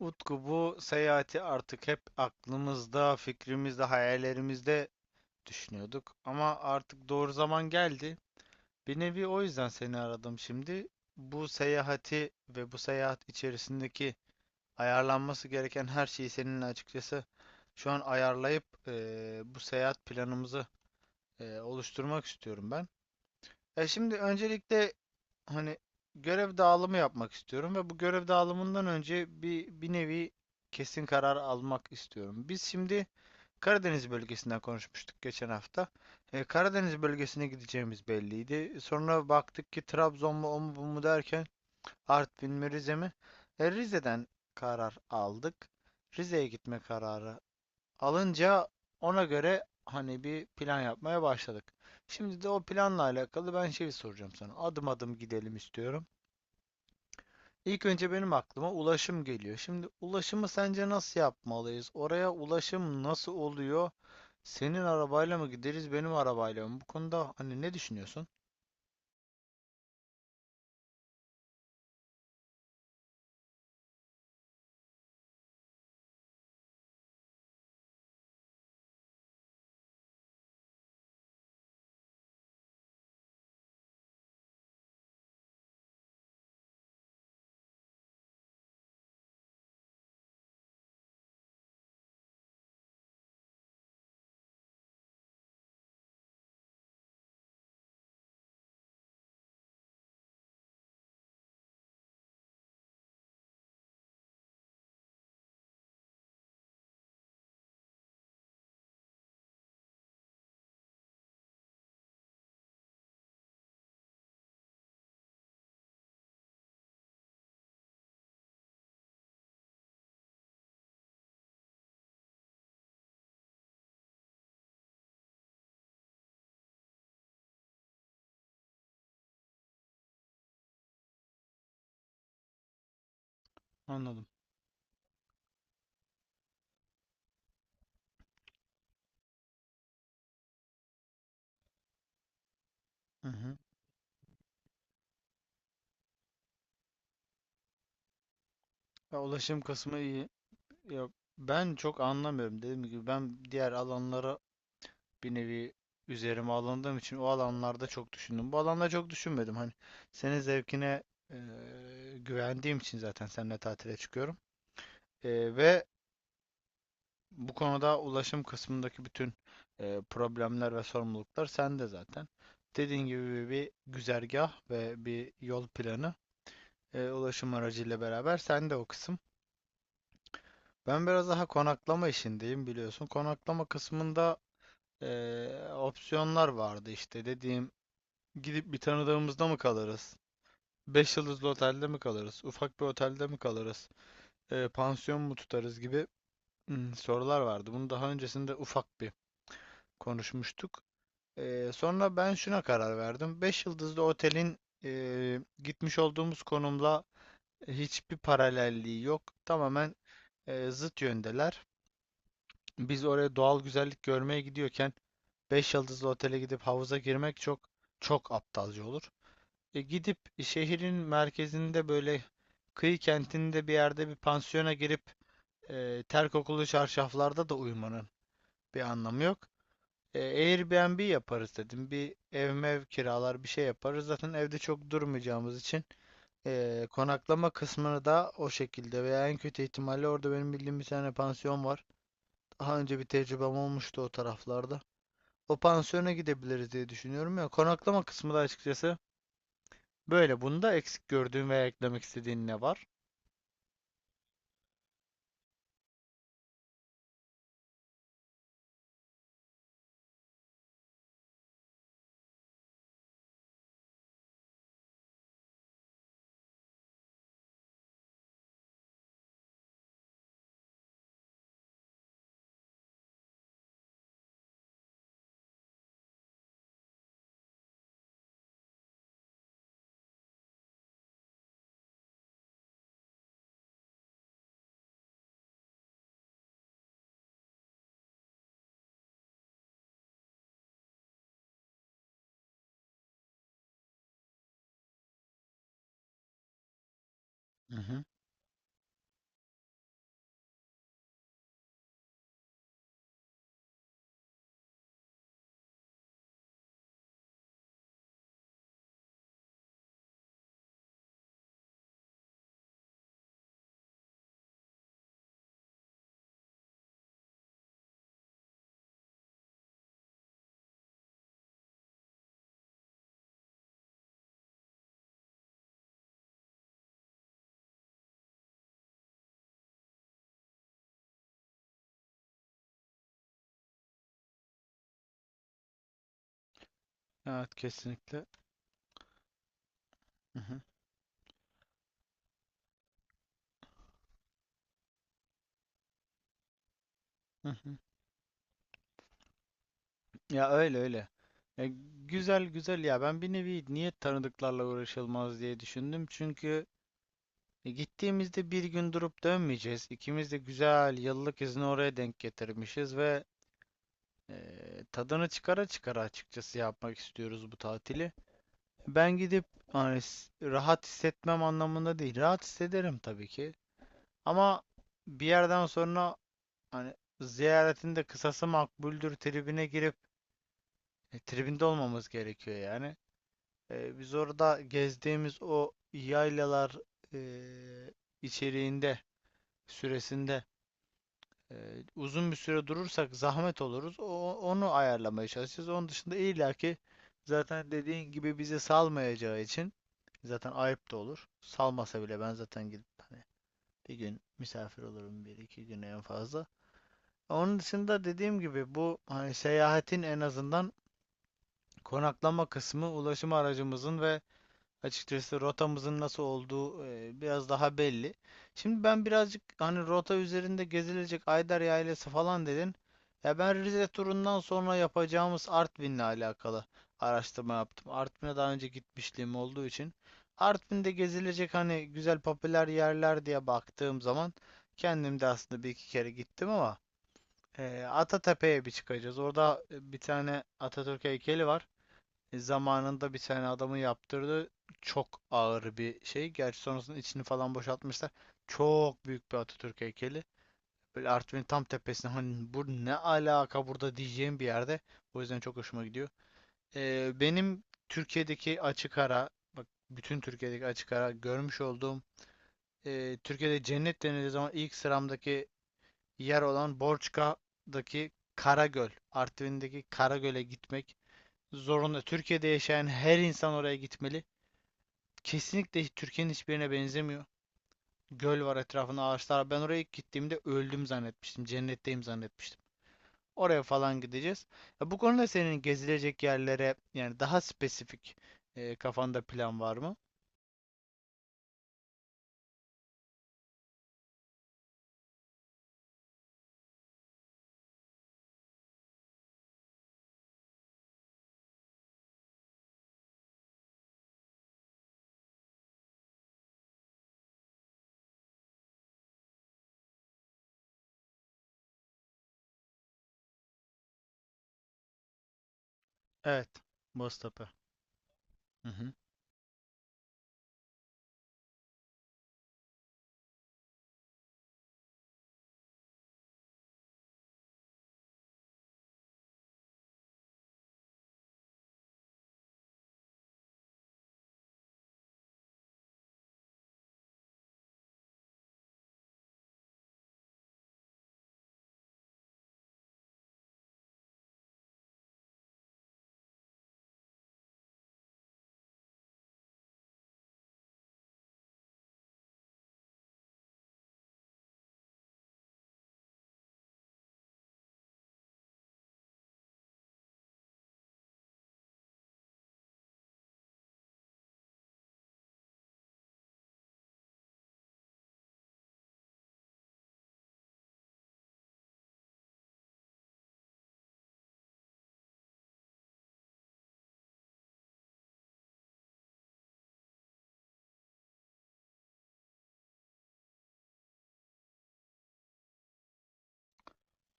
Utku bu seyahati artık hep aklımızda, fikrimizde, hayallerimizde düşünüyorduk. Ama artık doğru zaman geldi. Bir nevi o yüzden seni aradım şimdi. Bu seyahati ve bu seyahat içerisindeki ayarlanması gereken her şeyi seninle açıkçası şu an ayarlayıp bu seyahat planımızı oluşturmak istiyorum ben. Ya şimdi öncelikle hani görev dağılımı yapmak istiyorum ve bu görev dağılımından önce bir nevi kesin karar almak istiyorum. Biz şimdi Karadeniz bölgesinden konuşmuştuk geçen hafta. E, Karadeniz bölgesine gideceğimiz belliydi. Sonra baktık ki Trabzon mu o mu bu mu derken Artvin mi Rize mi? E, Rize'den karar aldık. Rize'ye gitme kararı alınca ona göre hani bir plan yapmaya başladık. Şimdi de o planla alakalı ben şey soracağım sana. Adım adım gidelim istiyorum. İlk önce benim aklıma ulaşım geliyor. Şimdi ulaşımı sence nasıl yapmalıyız? Oraya ulaşım nasıl oluyor? Senin arabayla mı gideriz, benim arabayla mı? Bu konuda hani ne düşünüyorsun? Anladım. Hı hı. Ya ulaşım kısmı iyi. Ya ben çok anlamıyorum. Dediğim gibi ben diğer alanlara bir nevi üzerime alındığım için o alanlarda çok düşündüm. Bu alanda çok düşünmedim. Hani senin zevkine güvendiğim için zaten seninle tatile çıkıyorum. Ve bu konuda ulaşım kısmındaki bütün problemler ve sorumluluklar sende zaten. Dediğin gibi bir güzergah ve bir yol planı ulaşım aracıyla beraber sende o kısım. Ben biraz daha konaklama işindeyim biliyorsun. Konaklama kısmında opsiyonlar vardı işte dediğim. Gidip bir tanıdığımızda mı kalırız? Beş yıldızlı otelde mi kalırız? Ufak bir otelde mi kalırız? Pansiyon mu tutarız gibi sorular vardı. Bunu daha öncesinde ufak bir konuşmuştuk. Sonra ben şuna karar verdim. Beş yıldızlı otelin gitmiş olduğumuz konumla hiçbir paralelliği yok. Tamamen zıt yöndeler. Biz oraya doğal güzellik görmeye gidiyorken beş yıldızlı otele gidip havuza girmek çok çok aptalca olur. E, gidip şehrin merkezinde böyle kıyı kentinde bir yerde bir pansiyona girip ter kokulu çarşaflarda da uyumanın bir anlamı yok. E, Airbnb yaparız dedim. Bir ev mev kiralar bir şey yaparız. Zaten evde çok durmayacağımız için konaklama kısmını da o şekilde veya en kötü ihtimalle orada benim bildiğim bir tane pansiyon var. Daha önce bir tecrübem olmuştu o taraflarda. O pansiyona gidebiliriz diye düşünüyorum ya. Konaklama kısmı da açıkçası böyle. Bunda eksik gördüğün veya eklemek istediğin ne var? Hı hı. Evet, kesinlikle. Hı hı. Hı hı. Ya, öyle öyle. Ya, güzel güzel ya ben bir nevi niye tanıdıklarla uğraşılmaz diye düşündüm. Çünkü gittiğimizde bir gün durup dönmeyeceğiz. İkimiz de güzel yıllık izni oraya denk getirmişiz ve tadını çıkara çıkara açıkçası yapmak istiyoruz bu tatili. Ben gidip hani rahat hissetmem anlamında değil. Rahat hissederim tabii ki. Ama bir yerden sonra hani ziyaretin de kısası makbuldür tribine girip tribinde olmamız gerekiyor yani. E, biz orada gezdiğimiz o yaylalar e, içeriğinde süresinde uzun bir süre durursak zahmet oluruz. Onu ayarlamaya çalışacağız. Onun dışında illaki zaten dediğin gibi bizi salmayacağı için zaten ayıp da olur. Salmasa bile ben zaten gidip hani bir gün misafir olurum bir iki güne en fazla. Onun dışında dediğim gibi bu hani seyahatin en azından konaklama kısmı ulaşım aracımızın ve açıkçası rotamızın nasıl olduğu biraz daha belli. Şimdi ben birazcık hani rota üzerinde gezilecek Ayder Yaylası falan dedin. Ya ben Rize turundan sonra yapacağımız Artvin'le alakalı araştırma yaptım. Artvin'e daha önce gitmişliğim olduğu için Artvin'de gezilecek hani güzel popüler yerler diye baktığım zaman kendim de aslında bir iki kere gittim ama Atatepe'ye bir çıkacağız. Orada bir tane Atatürk heykeli var. E, zamanında bir tane adamın yaptırdığı çok ağır bir şey. Gerçi sonrasında içini falan boşaltmışlar. Çok büyük bir Atatürk heykeli. Böyle Artvin'in tam tepesine hani bu ne alaka burada diyeceğim bir yerde. O yüzden çok hoşuma gidiyor. Benim Türkiye'deki açık ara bak bütün Türkiye'deki açık ara görmüş olduğum Türkiye'de cennet denildiği zaman ilk sıramdaki yer olan Borçka'daki Karagöl, Artvin'deki Karagöl'e gitmek zorunda. Türkiye'de yaşayan her insan oraya gitmeli. Kesinlikle Türkiye'nin hiçbirine benzemiyor. Göl var, etrafında ağaçlar. Ben oraya ilk gittiğimde öldüm zannetmiştim. Cennetteyim zannetmiştim. Oraya falan gideceğiz. Ya bu konuda senin gezilecek yerlere yani daha spesifik kafanda plan var mı? Evet. Boztepe. Hı hı.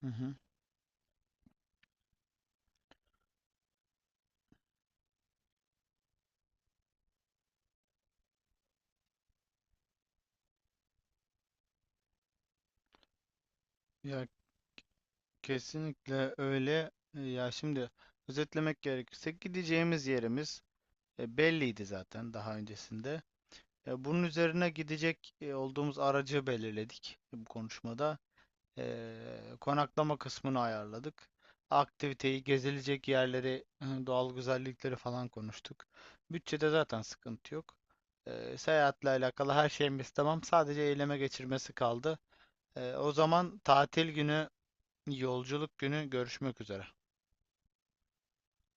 Hı hı. Ya, kesinlikle öyle. Ya şimdi özetlemek gerekirse gideceğimiz yerimiz belliydi zaten daha öncesinde. E, bunun üzerine gidecek olduğumuz aracı belirledik bu konuşmada. E, konaklama kısmını ayarladık. Aktiviteyi, gezilecek yerleri, doğal güzellikleri falan konuştuk. Bütçede zaten sıkıntı yok. E, seyahatle alakalı her şeyimiz tamam. Sadece eyleme geçirmesi kaldı. E, o zaman tatil günü, yolculuk günü görüşmek üzere.